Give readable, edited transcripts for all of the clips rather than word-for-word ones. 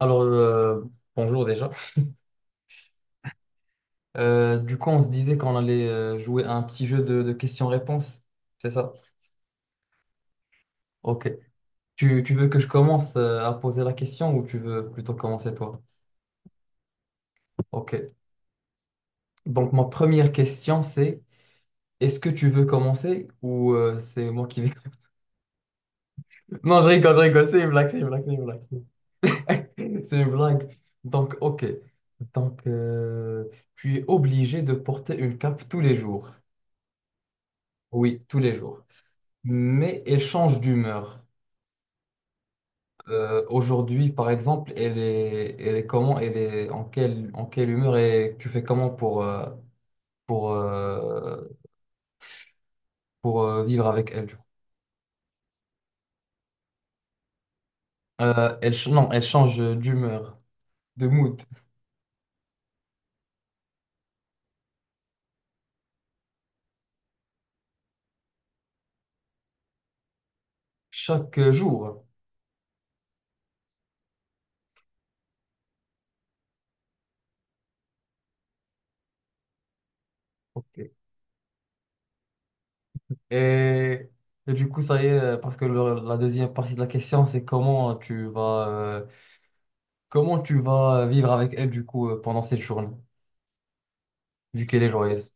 Alors, euh, Bonjour déjà. Du coup, on se disait qu'on allait jouer à un petit jeu de questions-réponses, c'est ça? Ok. Tu veux que je commence à poser la question ou tu veux plutôt commencer toi? Ok. Donc, ma première question, c'est est-ce que tu veux commencer ou c'est moi qui vais... Non, je rigole, c'est une blague, c'est une blague, c'est une blague. C'est une blague. Donc, ok. Donc, tu es obligé de porter une cape tous les jours. Oui, tous les jours. Mais elle change d'humeur. Aujourd'hui, par exemple, elle est comment, elle est en quelle humeur et tu fais comment pour, euh, pour vivre avec elle, du coup. Non, elle change d'humeur, de mood, chaque jour. Ok. Et, et du coup, ça y est, parce que la deuxième partie de la question, c'est comment tu vas vivre avec elle, du coup, pendant cette journée, vu qu'elle est joyeuse.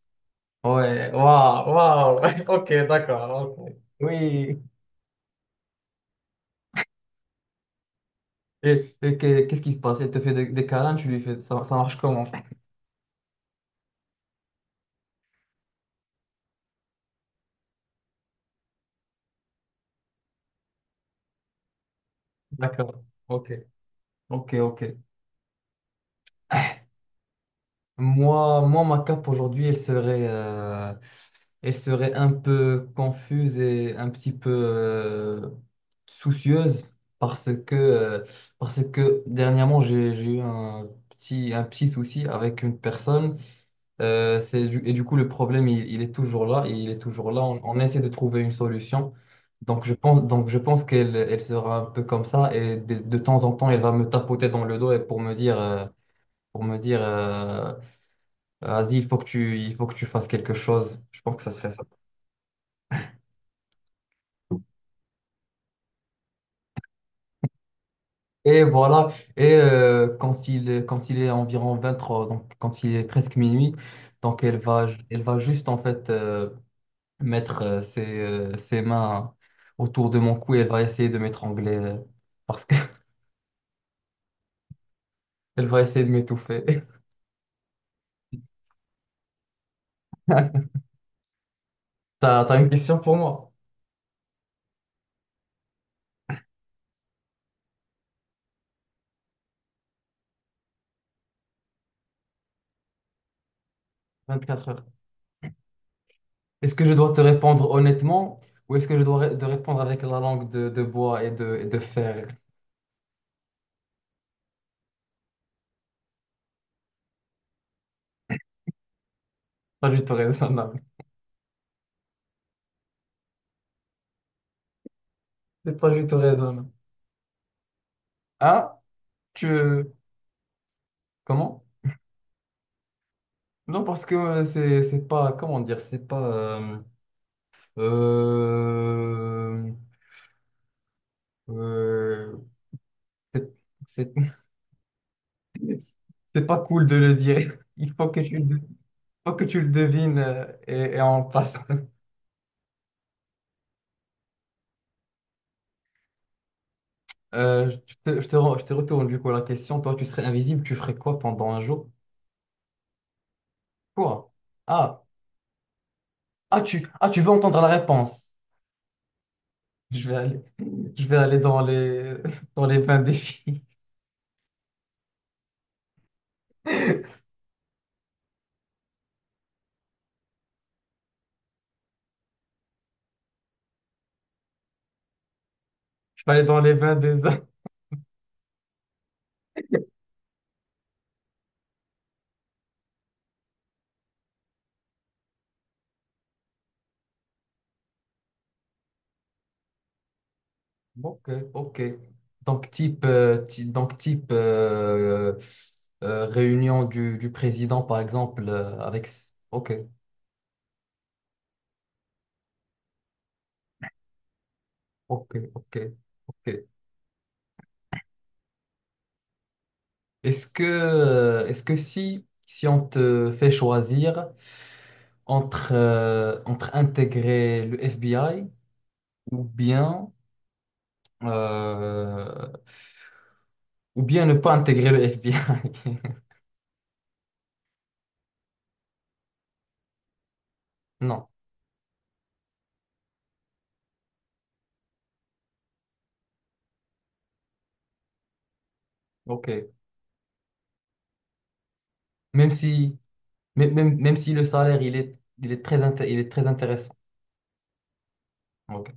Ouais, waouh, waouh, ok, d'accord, ok. Oui. Et qu'est-ce qui se passe? Elle te fait des câlins, tu lui fais... Ça marche comment? D'accord. Ok. Ok, ok. Moi, ma cape aujourd'hui, elle serait un peu confuse et un petit peu soucieuse parce que, euh, parce que dernièrement, j'ai eu un petit souci avec une personne. Et du coup, le problème, il est toujours là, et il est toujours là. On essaie de trouver une solution. Donc je pense qu'elle elle sera un peu comme ça, et de temps en temps, elle va me tapoter dans le dos et pour me dire, vas-y, il faut que tu fasses quelque chose. Je pense que ça serait ça. Et voilà. Et quand quand il est environ 23, donc quand il est presque minuit, donc elle va juste en fait, mettre ses mains autour de mon cou et elle va essayer de m'étrangler, parce qu'elle va essayer de m'étouffer. T'as une question pour moi? 24 heures. Est-ce que je dois te répondre honnêtement ou est-ce que je dois te répondre avec la langue de bois et de fer? Pas du tout raisonnable. C'est pas du tout raisonnable. Hein? Tu... Comment? Non, parce que c'est pas... Comment dire? C'est pas... euh, euh, c'est- c'est. C'est pas cool de le dire. Il faut que faut que tu le devines, et on passe. Je te retourne du coup la question. Toi, tu serais invisible, tu ferais quoi pendant un jour? Quoi? Ah, Tu veux entendre la réponse. Je vais aller, je vais aller dans les vins des filles. Je vais aller dans les vins des hommes. Ok, ok. Donc type réunion du président, par exemple, avec... Ok. Ok, ok, ok. Est-ce que si on te fait choisir entre intégrer le FBI ou bien, euh, ou bien ne pas intégrer le FBI? Non, ok. Même si, même si le salaire, il est très intéressant. Ok.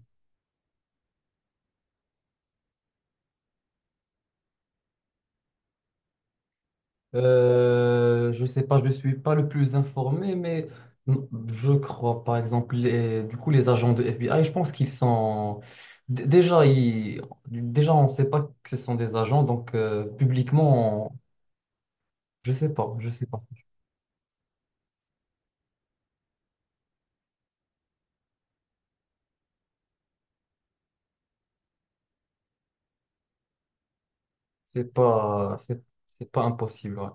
Je sais pas, je ne suis pas le plus informé, mais je crois, par exemple, du coup, les agents de FBI, je pense qu'ils sont... Déjà, on ne sait pas que ce sont des agents, donc publiquement, je sais pas. C'est pas impossible, ouais.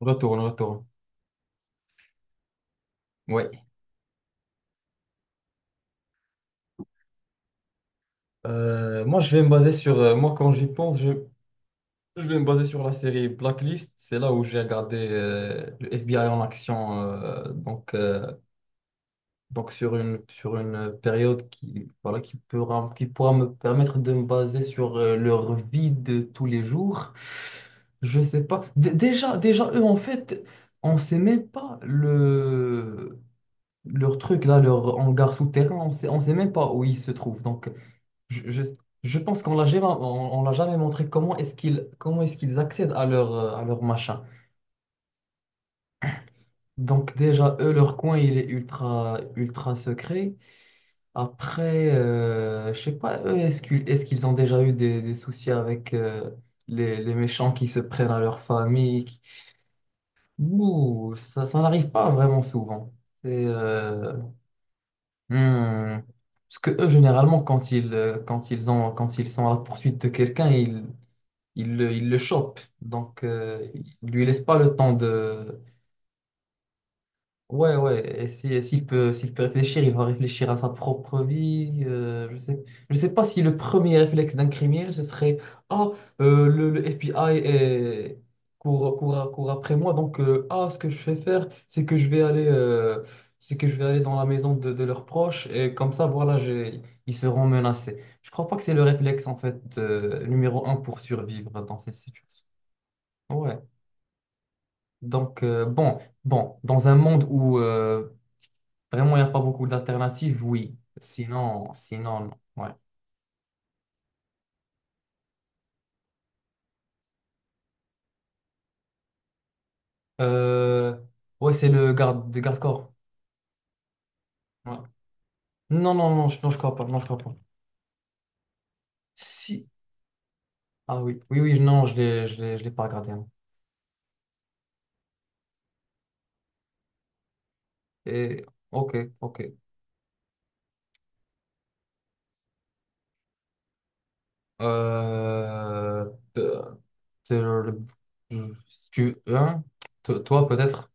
Retourne, retourne. Oui. Moi, je vais me baser sur... moi, quand j'y pense, je vais me baser sur la série Blacklist. C'est là où j'ai regardé le FBI en action. Donc sur une période qui, voilà, qui pourra me permettre de me baser sur leur vie de tous les jours, je sais pas. Déjà, eux, en fait, on sait même pas leur truc, là, leur hangar souterrain, on sait même pas où ils se trouvent. Donc je, je, je pense qu'on l'a jamais montré comment est-ce qu'ils accèdent à leur machin. Donc déjà, eux, leur coin, il est ultra, ultra secret. Après, je sais pas, eux, est-ce qu'ils ont déjà eu des soucis avec les méchants qui se prennent à leur famille? Ouh, ça n'arrive pas vraiment souvent. C'est... hmm, Parce que eux, généralement, quand ils ont, quand ils sont à la poursuite de quelqu'un, ils le chopent. Donc, ils lui laissent pas le temps de. Ouais, ouais, et si, et s'il peut réfléchir, il va réfléchir à sa propre vie. Je sais pas si le premier réflexe d'un criminel, ce serait. Ah, le FBI court, court, court après moi, donc ah, ce que je vais faire, c'est que je vais aller dans la maison de leurs proches, et comme ça, voilà, ils seront menacés. Je crois pas que c'est le réflexe, en fait, numéro un pour survivre dans cette situation. Ouais, donc bon, bon, dans un monde où vraiment, il n'y a pas beaucoup d'alternatives, oui. Sinon, sinon, non. Ouais. Euh, ouais, c'est le garde de garde-corps. Ouais. Non, non, non, non, je crois pas. Non, je crois pas. Si. Ah oui, oui, oui, non, je l'ai pas regardé, hein. Et, ok, ok. Euh, te- te- le- Si tu, hein, toi, peut-être.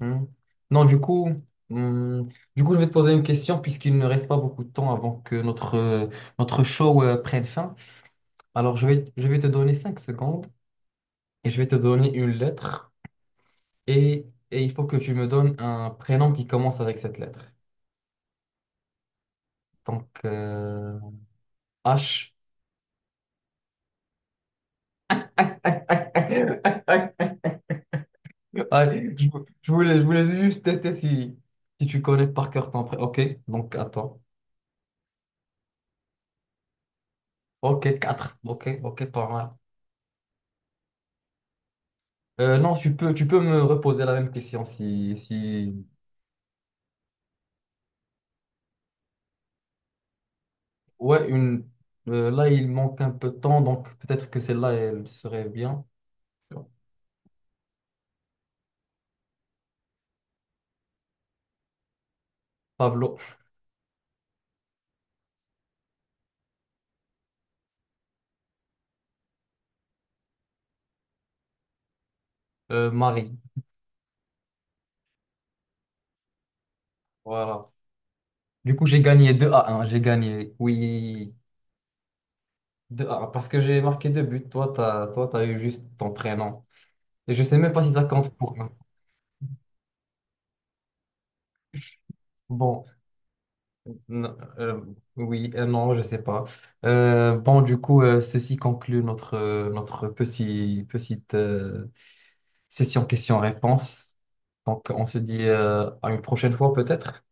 hmm. Non, hmm, du coup, je vais te poser une question puisqu'il ne reste pas beaucoup de temps avant que notre show, prenne fin. Alors, je vais te donner 5 secondes et je vais te donner une lettre et il faut que tu me donnes un prénom qui commence avec cette lettre. Donc, H. Allez, je voulais juste tester si tu connais par cœur ton prénom. Ok, donc à toi. Ok, quatre. Ok, ok, pas mal. Non, tu peux me reposer la même question si... Ouais, une... là, il manque un peu de temps, donc peut-être que celle-là, elle serait bien. Pablo, Marie. Voilà. Du coup, j'ai gagné 2-1. J'ai gagné, oui, deux à 1. Parce que j'ai marqué deux buts. Toi, t'as eu juste ton prénom. Et je sais même pas si ça compte pour un. Bon, n- euh, oui, non, je sais pas. Bon, du coup, ceci conclut notre petite session questions-réponses. Donc, on se dit à une prochaine fois, peut-être.